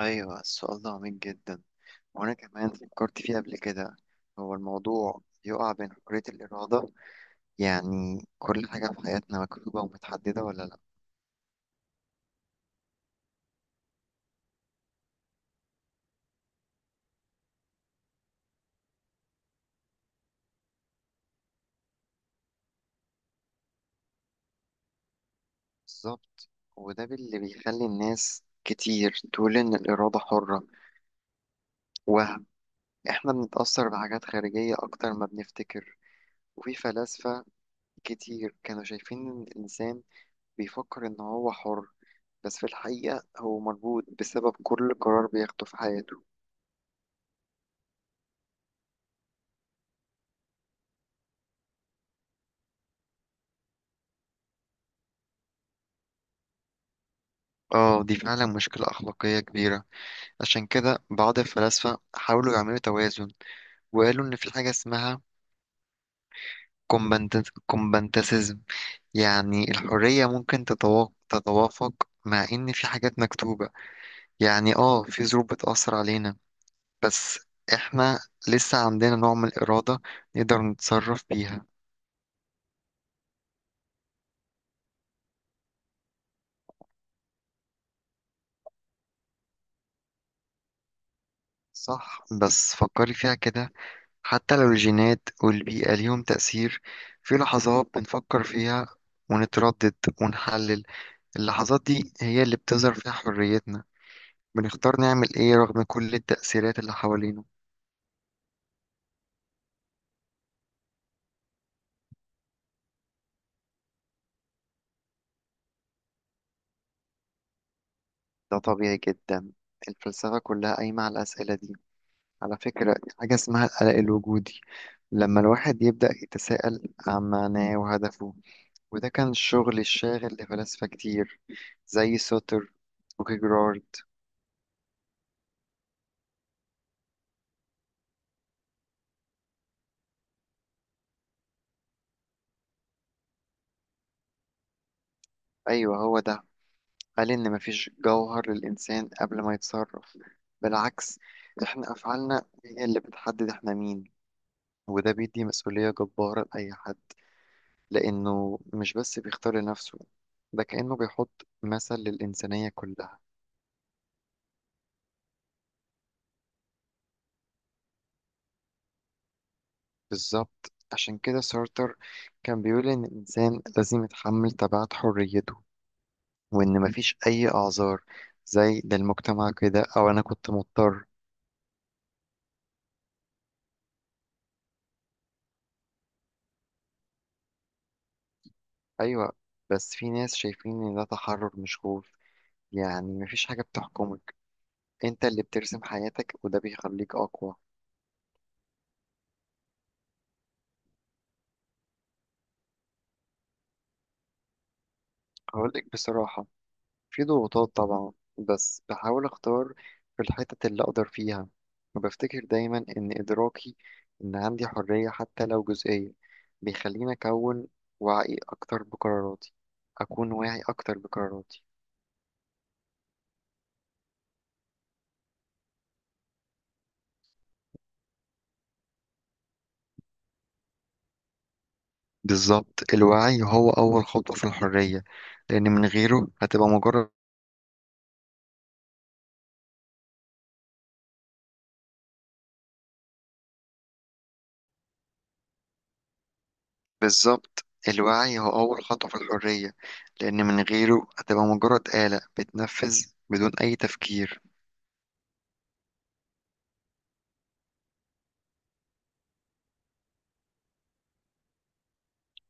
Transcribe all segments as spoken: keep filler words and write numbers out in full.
أيوة، السؤال ده عميق جدا، وأنا كمان فكرت فيه قبل كده. هو الموضوع يقع بين حرية الإرادة، يعني كل حاجة في حياتنا مكتوبة ومتحددة ولا لأ. بالظبط، وده اللي بيخلي الناس كتير تقول إن الإرادة حرة وهم. إحنا بنتأثر بحاجات خارجية أكتر ما بنفتكر، وفي فلاسفة كتير كانوا شايفين إن الإنسان بيفكر إن هو حر، بس في الحقيقة هو مربوط بسبب كل قرار بياخده في حياته. اه، دي فعلا مشكلة أخلاقية كبيرة. عشان كده بعض الفلاسفة حاولوا يعملوا توازن، وقالوا إن في حاجة اسمها كومبانتاسيزم، يعني الحرية ممكن تتوا- تتوافق مع إن في حاجات مكتوبة. يعني اه في ظروف بتأثر علينا، بس إحنا لسه عندنا نوع من الإرادة نقدر نتصرف بيها. صح، بس فكري فيها كده. حتى لو الجينات والبيئة ليهم تأثير، في لحظات بنفكر فيها ونتردد ونحلل. اللحظات دي هي اللي بتظهر فيها حريتنا، بنختار نعمل إيه رغم كل التأثيرات اللي حوالينا. ده طبيعي جدا، الفلسفة كلها قايمة على الأسئلة دي. على فكرة، حاجة اسمها القلق الوجودي، لما الواحد يبدأ يتساءل عن معناه وهدفه. وده كان الشغل الشاغل لفلاسفة كتير، زي سوتر وكيجرارد. أيوه، هو ده. قال إن مفيش جوهر للإنسان قبل ما يتصرف. بالعكس، إحنا أفعالنا هي اللي بتحدد إحنا مين، وده بيدي مسؤولية جبارة لأي حد، لأنه مش بس بيختار لنفسه، ده كأنه بيحط مثل للإنسانية كلها. بالظبط، عشان كده سارتر كان بيقول إن الإنسان لازم يتحمل تبعات حريته، وإن مفيش أي أعذار زي ده المجتمع كده أو أنا كنت مضطر. أيوة، بس في ناس شايفين إن ده تحرر مش خوف. يعني مفيش حاجة بتحكمك، أنت اللي بترسم حياتك، وده بيخليك أقوى. هقولك بصراحة، في ضغوطات طبعا، بس بحاول اختار في الحتت اللي اقدر فيها. وبفتكر دايما ان ادراكي ان عندي حرية حتى لو جزئية بيخليني اكون وعي اكتر بقراراتي اكون واعي اكتر بقراراتي بالظبط الوعي هو اول خطوة في الحرية لان من غيره هتبقى مجرد بالظبط، الوعي هو اول خطوة في الحرية، لان من غيره هتبقى مجرد آلة بتنفذ بدون اي تفكير.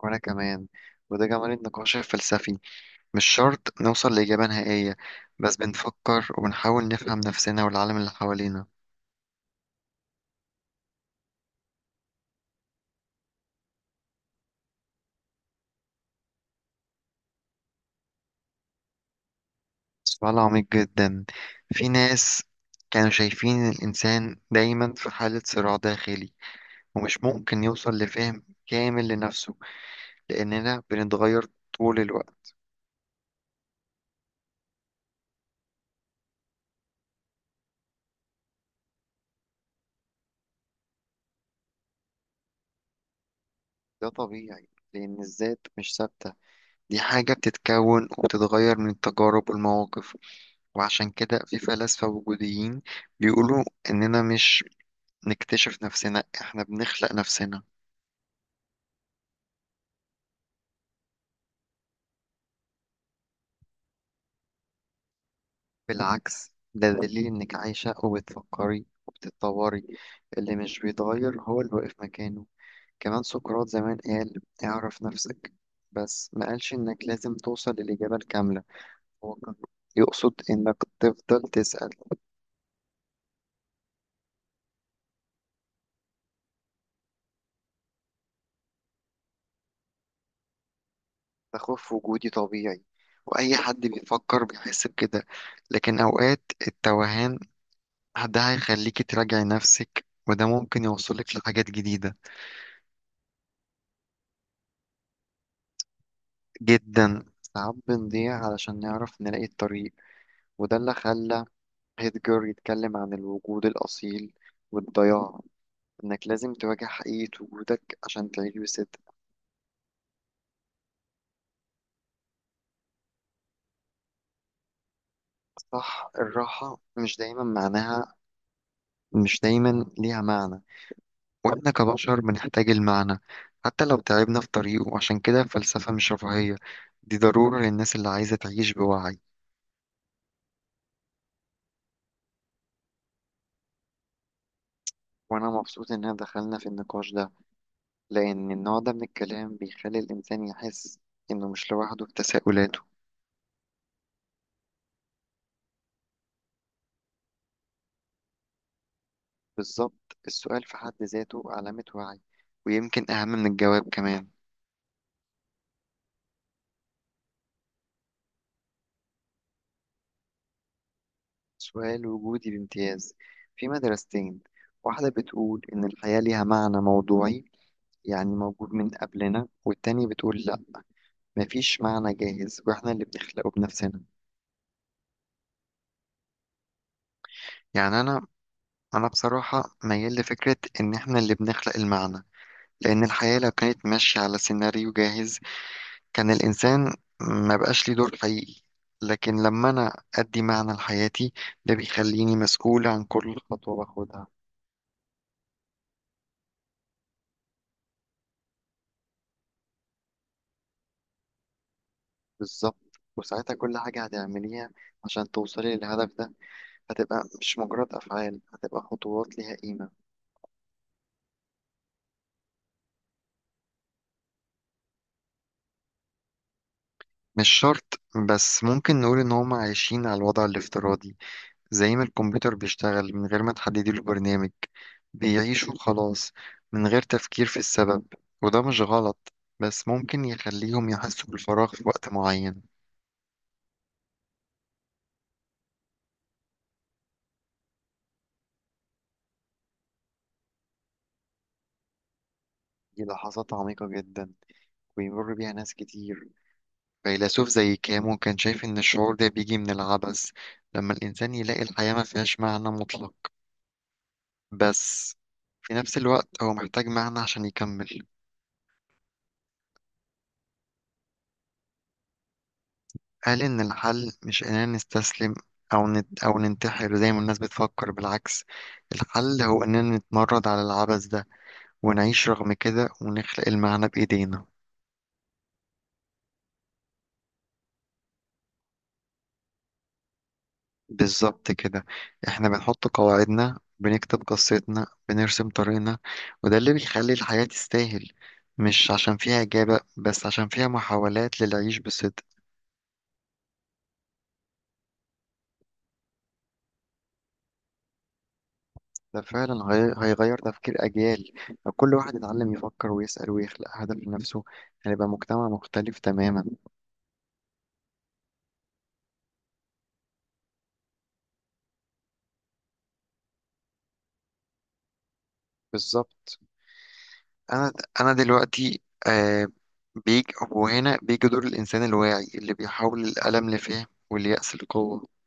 وأنا كمان. وده جمال النقاش الفلسفي، مش شرط نوصل لإجابة نهائية، بس بنفكر وبنحاول نفهم نفسنا والعالم اللي حوالينا. سؤال عميق جدا. في ناس كانوا شايفين الإنسان دايما في حالة صراع داخلي، ومش ممكن يوصل لفهم كامل لنفسه، لأننا بنتغير طول الوقت. ده طبيعي، لأن الذات مش ثابتة، دي حاجة بتتكون وبتتغير من التجارب والمواقف. وعشان كده في فلاسفة وجوديين بيقولوا إننا مش نكتشف نفسنا، إحنا بنخلق نفسنا. بالعكس، ده دليل إنك عايشة وبتفكري وبتتطوري. اللي مش بيتغير هو اللي واقف مكانه. كمان سقراط زمان قال اعرف نفسك، بس ما قالش إنك لازم توصل للإجابة الكاملة، هو كان يقصد إنك تفضل تسأل. ده خوف وجودي طبيعي، وأي حد بيفكر بيحس بكده. لكن أوقات التوهان ده هيخليكي تراجعي نفسك، وده ممكن يوصلك لحاجات جديدة. جدا، ساعات بنضيع علشان نعرف نلاقي الطريق. وده اللي خلى هيدجر يتكلم عن الوجود الأصيل والضياع، إنك لازم تواجه حقيقة وجودك عشان تعيش بصدق. صح، الراحة مش دايما معناها مش دايما ليها معنى، وإحنا كبشر بنحتاج المعنى، حتى لو تعبنا في طريقه. عشان كده الفلسفة مش رفاهية، دي ضرورة للناس اللي عايزة تعيش بوعي. وأنا مبسوط إن دخلنا في النقاش ده، لأن النوع ده من الكلام بيخلي الإنسان يحس إنه مش لوحده في تساؤلاته. بالظبط، السؤال في حد ذاته علامة وعي، ويمكن أهم من الجواب كمان. سؤال وجودي بامتياز. في مدرستين، واحدة بتقول إن الحياة ليها معنى موضوعي، يعني موجود من قبلنا، والتانية بتقول لأ، مفيش معنى جاهز وإحنا اللي بنخلقه بنفسنا. يعني أنا أنا بصراحة ميال لفكرة إن إحنا اللي بنخلق المعنى، لأن الحياة لو كانت ماشية على سيناريو جاهز، كان الإنسان ما بقاش ليه دور حقيقي. لكن لما أنا أدي معنى لحياتي، ده بيخليني مسؤول عن كل خطوة باخدها. بالظبط، وساعتها كل حاجة هتعمليها عشان توصلي للهدف ده هتبقى مش مجرد أفعال، هتبقى خطوات ليها قيمة. مش شرط، بس ممكن نقول إن هما عايشين على الوضع الافتراضي، زي ما الكمبيوتر بيشتغل من غير ما تحددي له برنامج، بيعيش وخلاص، من غير تفكير في السبب. وده مش غلط، بس ممكن يخليهم يحسوا بالفراغ في وقت معين. دي لحظات عميقة جدا، ويمر بيها ناس كتير. فيلسوف زي كامو كان شايف إن الشعور ده بيجي من العبث، لما الإنسان يلاقي الحياة ما فيهاش معنى مطلق، بس في نفس الوقت هو محتاج معنى عشان يكمل. قال إن الحل مش إننا نستسلم أو نت أو ننتحر زي ما الناس بتفكر. بالعكس، الحل هو إننا نتمرد على العبث ده، ونعيش رغم كده، ونخلق المعنى بإيدينا. بالظبط كده، إحنا بنحط قواعدنا، بنكتب قصتنا، بنرسم طريقنا، وده اللي بيخلي الحياة تستاهل، مش عشان فيها إجابة، بس عشان فيها محاولات للعيش بصدق. ده فعلا هي- هيغير تفكير أجيال. لو كل واحد يتعلم يفكر ويسأل ويخلق هدف لنفسه، هنبقى مجتمع مختلف تماما. بالظبط. أنا أنا دلوقتي آه بيجي، وهنا بيجي دور الإنسان الواعي اللي بيحول الألم لفهم واليأس لقوة.